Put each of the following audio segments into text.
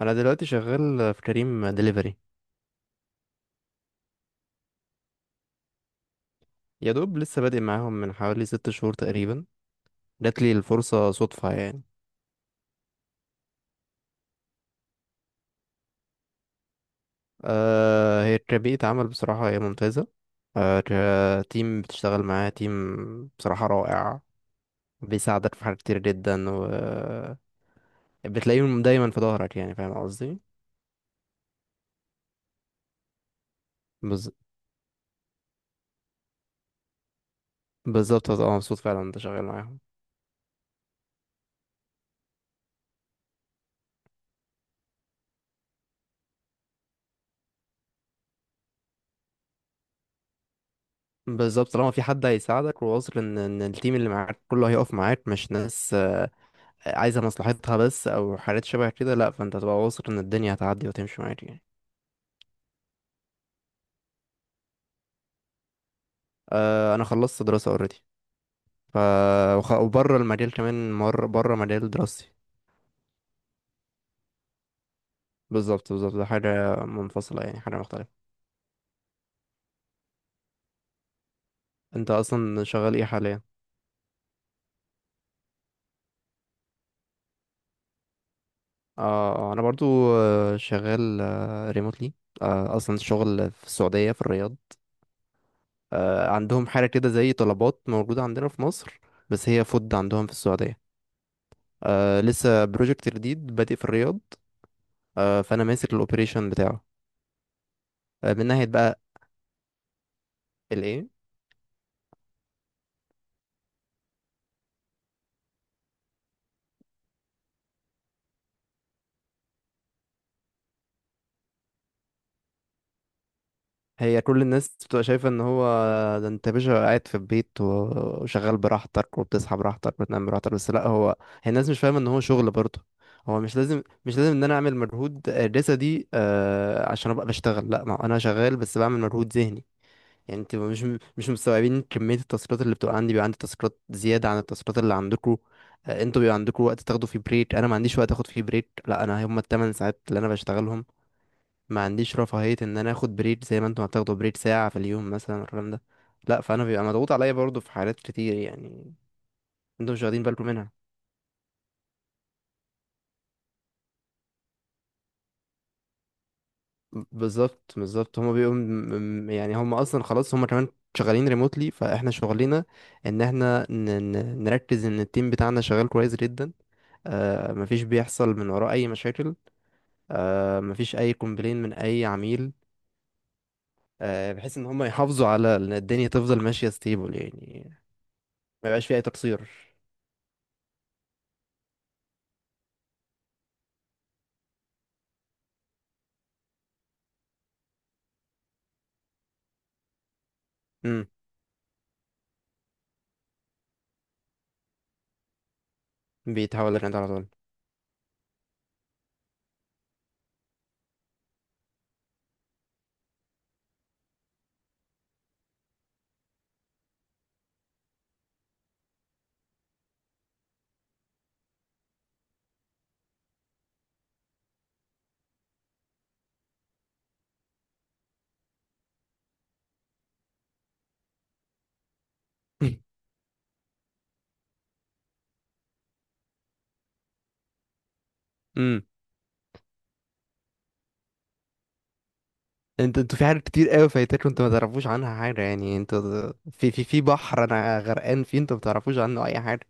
انا دلوقتي شغال في كريم دليفري. يا دوب لسه بادئ معاهم من حوالي 6 شهور تقريبا. جاتلي الفرصة صدفة يعني. آه، هي كبيئة عمل، بصراحة هي ممتازة. آه. كتيم بتشتغل معاه تيم، بصراحة رائع. بيساعدك في حاجات كتير جدا، و بتلاقيهم دايما في ظهرك، يعني فاهم قصدي. بز... بالظبط، هتبقى مبسوط فعلا انت شغال معاهم. بالظبط، طالما في حد هيساعدك وواثق ان التيم اللي معاك كله هيقف معاك، مش ناس عايزة مصلحتها بس أو حاجات شبه كده، لأ، فأنت هتبقى واثق إن الدنيا هتعدي وتمشي معاك يعني. أه، أنا خلصت دراسة أوريدي. ف وبره المجال كمان، مر بره مجال دراستي. بالظبط بالظبط، ده حاجة منفصلة، يعني حاجة مختلفة. أنت أصلا شغال إيه حاليا؟ اه، أنا برضو شغال ريموتلي، أصلا شغل في السعودية، في الرياض. عندهم حاجة كده زي طلبات، موجودة عندنا في مصر، بس هي فود عندهم في السعودية. لسه بروجكت جديد بادئ في الرياض. فانا ماسك الاوبريشن بتاعه. من ناحيه بقى. الايه؟ هي كل الناس بتبقى شايفه ان هو، ده انت يا باشا قاعد في البيت وشغال براحتك، وبتصحى براحتك، وبتنام براحتك، بس لا، هو هي الناس مش فاهمه ان هو شغل برضه. هو مش لازم ان انا اعمل مجهود جسدي، عشان ابقى بشتغل. لا، ما هو انا شغال، بس بعمل مجهود ذهني. يعني انت مش، مش مستوعبين كمية التاسكات اللي بتبقى عندي. بيبقى عندي تاسكات زيادة عن التاسكات اللي عندكم. انتوا بيبقى عندكم وقت تاخدوا فيه بريك، انا ما عنديش وقت اخد فيه بريك. لا، انا هما ال 8 ساعات اللي انا بشتغلهم، ما عنديش رفاهية ان انا اخد بريك زي ما انتوا هتاخدوا بريك ساعة في اليوم مثلا، الكلام ده لا. فانا بيبقى مضغوط عليا برضه في حالات كتير يعني، انتوا مش واخدين بالكم منها. بالظبط بالظبط، هما بيبقوا يعني هما اصلا خلاص، هما كمان شغالين ريموتلي، فاحنا شغلنا ان احنا نركز ان التيم بتاعنا شغال كويس جدا. مفيش بيحصل من وراه أي مشاكل، مفيش أي كومبلين من أي عميل، بحيث إن هم يحافظوا على إن الدنيا تفضل ماشية ستيبل يعني، ما يبقاش فيها أي تقصير. امم. بيتحول لك أنت على طول. امم. انتوا في حاجات كتير قوي فايتاك، وانتوا ما تعرفوش عنها حاجة، يعني انتوا في بحر انا غرقان فيه، انتوا ما تعرفوش عنه اي حاجة.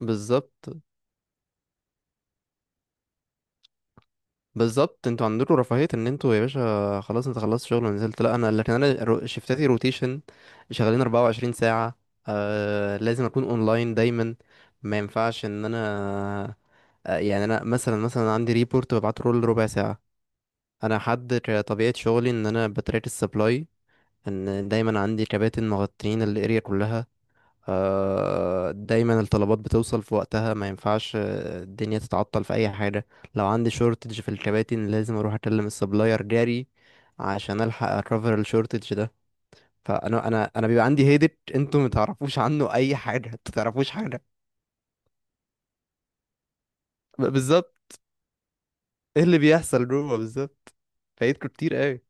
بالظبط بالظبط، انتوا عندكم رفاهية ان انتوا يا باشا خلاص، انت خلصت شغل ونزلت. لا انا، لكن انا شفتاتي روتيشن، شغالين 24 ساعة. لازم اكون اونلاين دايما، ما ينفعش ان انا، يعني انا مثلا، عندي ريبورت ببعته كل ربع ساعة. انا حد، طبيعة شغلي ان انا بتراك السبلاي، ان دايما عندي كباتن مغطين الاريا كلها. دايما الطلبات بتوصل في وقتها، ما ينفعش الدنيا تتعطل في اي حاجه. لو عندي شورتج في الكباتن، لازم اروح اكلم السبلاير جاري عشان الحق اكفر الشورتج ده. فانا انا بيبقى عندي هيدت انتوا ما تعرفوش عنه اي حاجه، انتوا تعرفوش حاجه. بالظبط، ايه اللي بيحصل جوه بالظبط؟ فايتكم كتير قوي.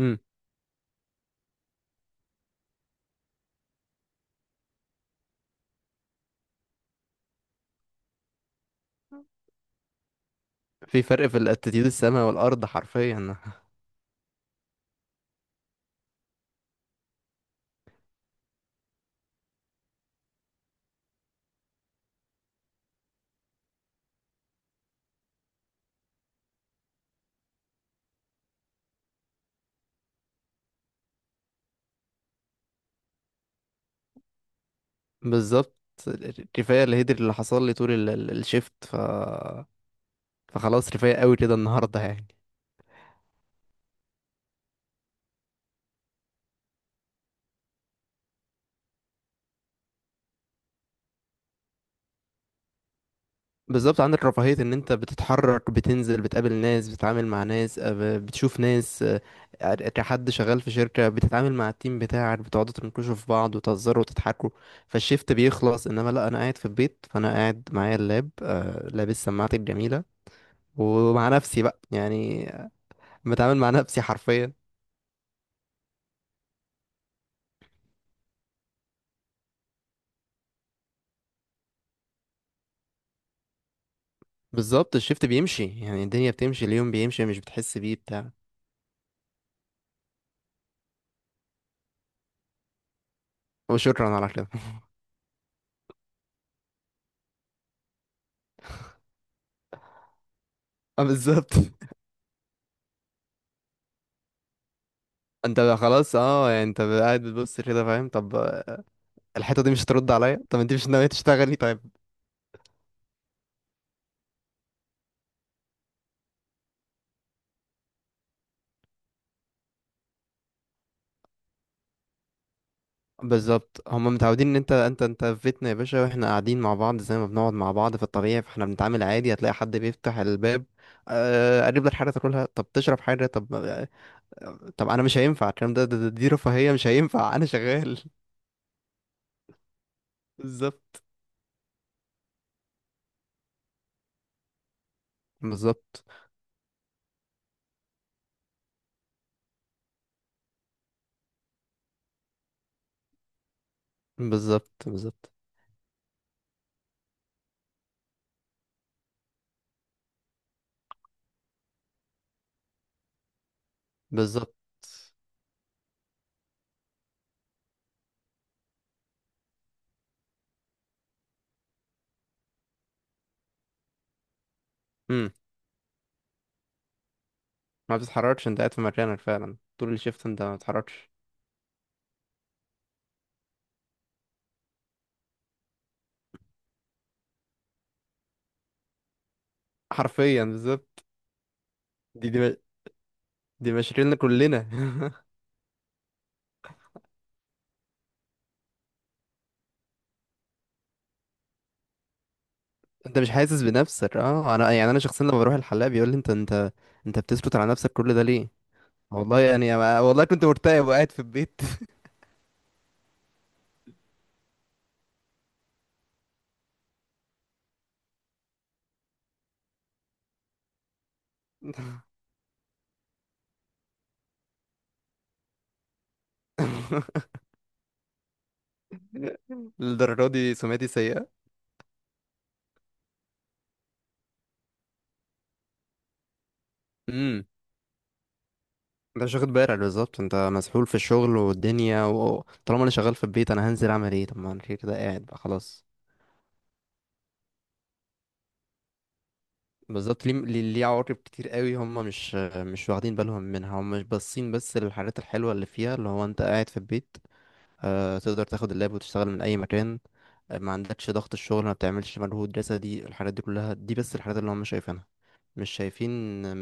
امم. في فرق في الاتيتيود السما والارض حرفيا. بالظبط. كفايه الهيدر اللي حصل لي طول الشيفت. فخلاص، رفاهية قوي كده النهاردة يعني. بالظبط، عندك رفاهية ان انت بتتحرك، بتنزل، بتقابل ناس، بتتعامل مع ناس، بتشوف ناس، كحد شغال في شركة بتتعامل مع التيم بتاعك، بتقعدوا تنكشوا في بعض وتهزروا وتضحكوا، فالشيفت بيخلص. انما لا، انا قاعد في البيت، فانا قاعد معايا اللاب، لابس سماعتي الجميلة، ومع نفسي بقى يعني بتعامل مع نفسي حرفيا. بالظبط، الشيفت بيمشي، يعني الدنيا بتمشي، اليوم بيمشي مش بتحس بيه بتاع. وشكرا على كده. اه، بالظبط. انت بقى خلاص، اه يعني انت بقى قاعد بتبص كده، فاهم؟ طب الحته دي مش هترد عليا، طب انت مش ناويه تشتغلي؟ طيب، بالظبط، هما متعودين ان انت في بيتنا يا باشا، واحنا قاعدين مع بعض زي ما بنقعد مع بعض في الطبيعي، فاحنا بنتعامل عادي. هتلاقي حد بيفتح الباب، قرب لك حاجه تاكلها؟ طب تشرب حاجه؟ طب طب انا مش هينفع. الكلام ده، دي رفاهيه، مش هينفع انا شغال. بالظبط بالظبط بالظبط بالظبط بالظبط. امم. ما بتتحركش، انت قاعد في مكانك فعلا طول الشيفت، انت ما بتتحركش. حرفيا بالظبط. دي دي, دي مشاكلنا كلنا. انت مش حاسس بنفسك. اه، انا يعني انا شخصيا لما بروح الحلاق بيقول لي انت بتثبت على نفسك كل ده ليه؟ والله يعني والله كنت مرتاح وقاعد في البيت. للدرجه دي سمعتي سيئه. امم. انت مش واخد بالك، بالظبط، انت مسحول في الشغل والدنيا، وطالما انا شغال في البيت، انا هنزل اعمل ايه؟ طب ما انا كده كده قاعد بقى، خلاص. بالظبط، ليه ليه ليه؟ عواقب كتير قوي هم مش واخدين بالهم منها، هم مش باصين بس للحاجات الحلوه اللي فيها، اللي هو انت قاعد في البيت، تقدر تاخد اللاب وتشتغل من اي مكان، ما عندكش ضغط الشغل، ما بتعملش مجهود جسدي، الحاجات دي كلها، دي بس الحاجات اللي هم مش شايفينها. مش شايفين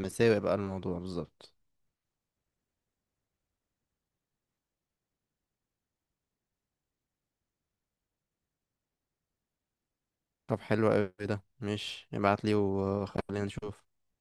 مساوئ بقى الموضوع بالظبط. طب حلو قوي ده، مش ابعت لي وخلينا نشوف.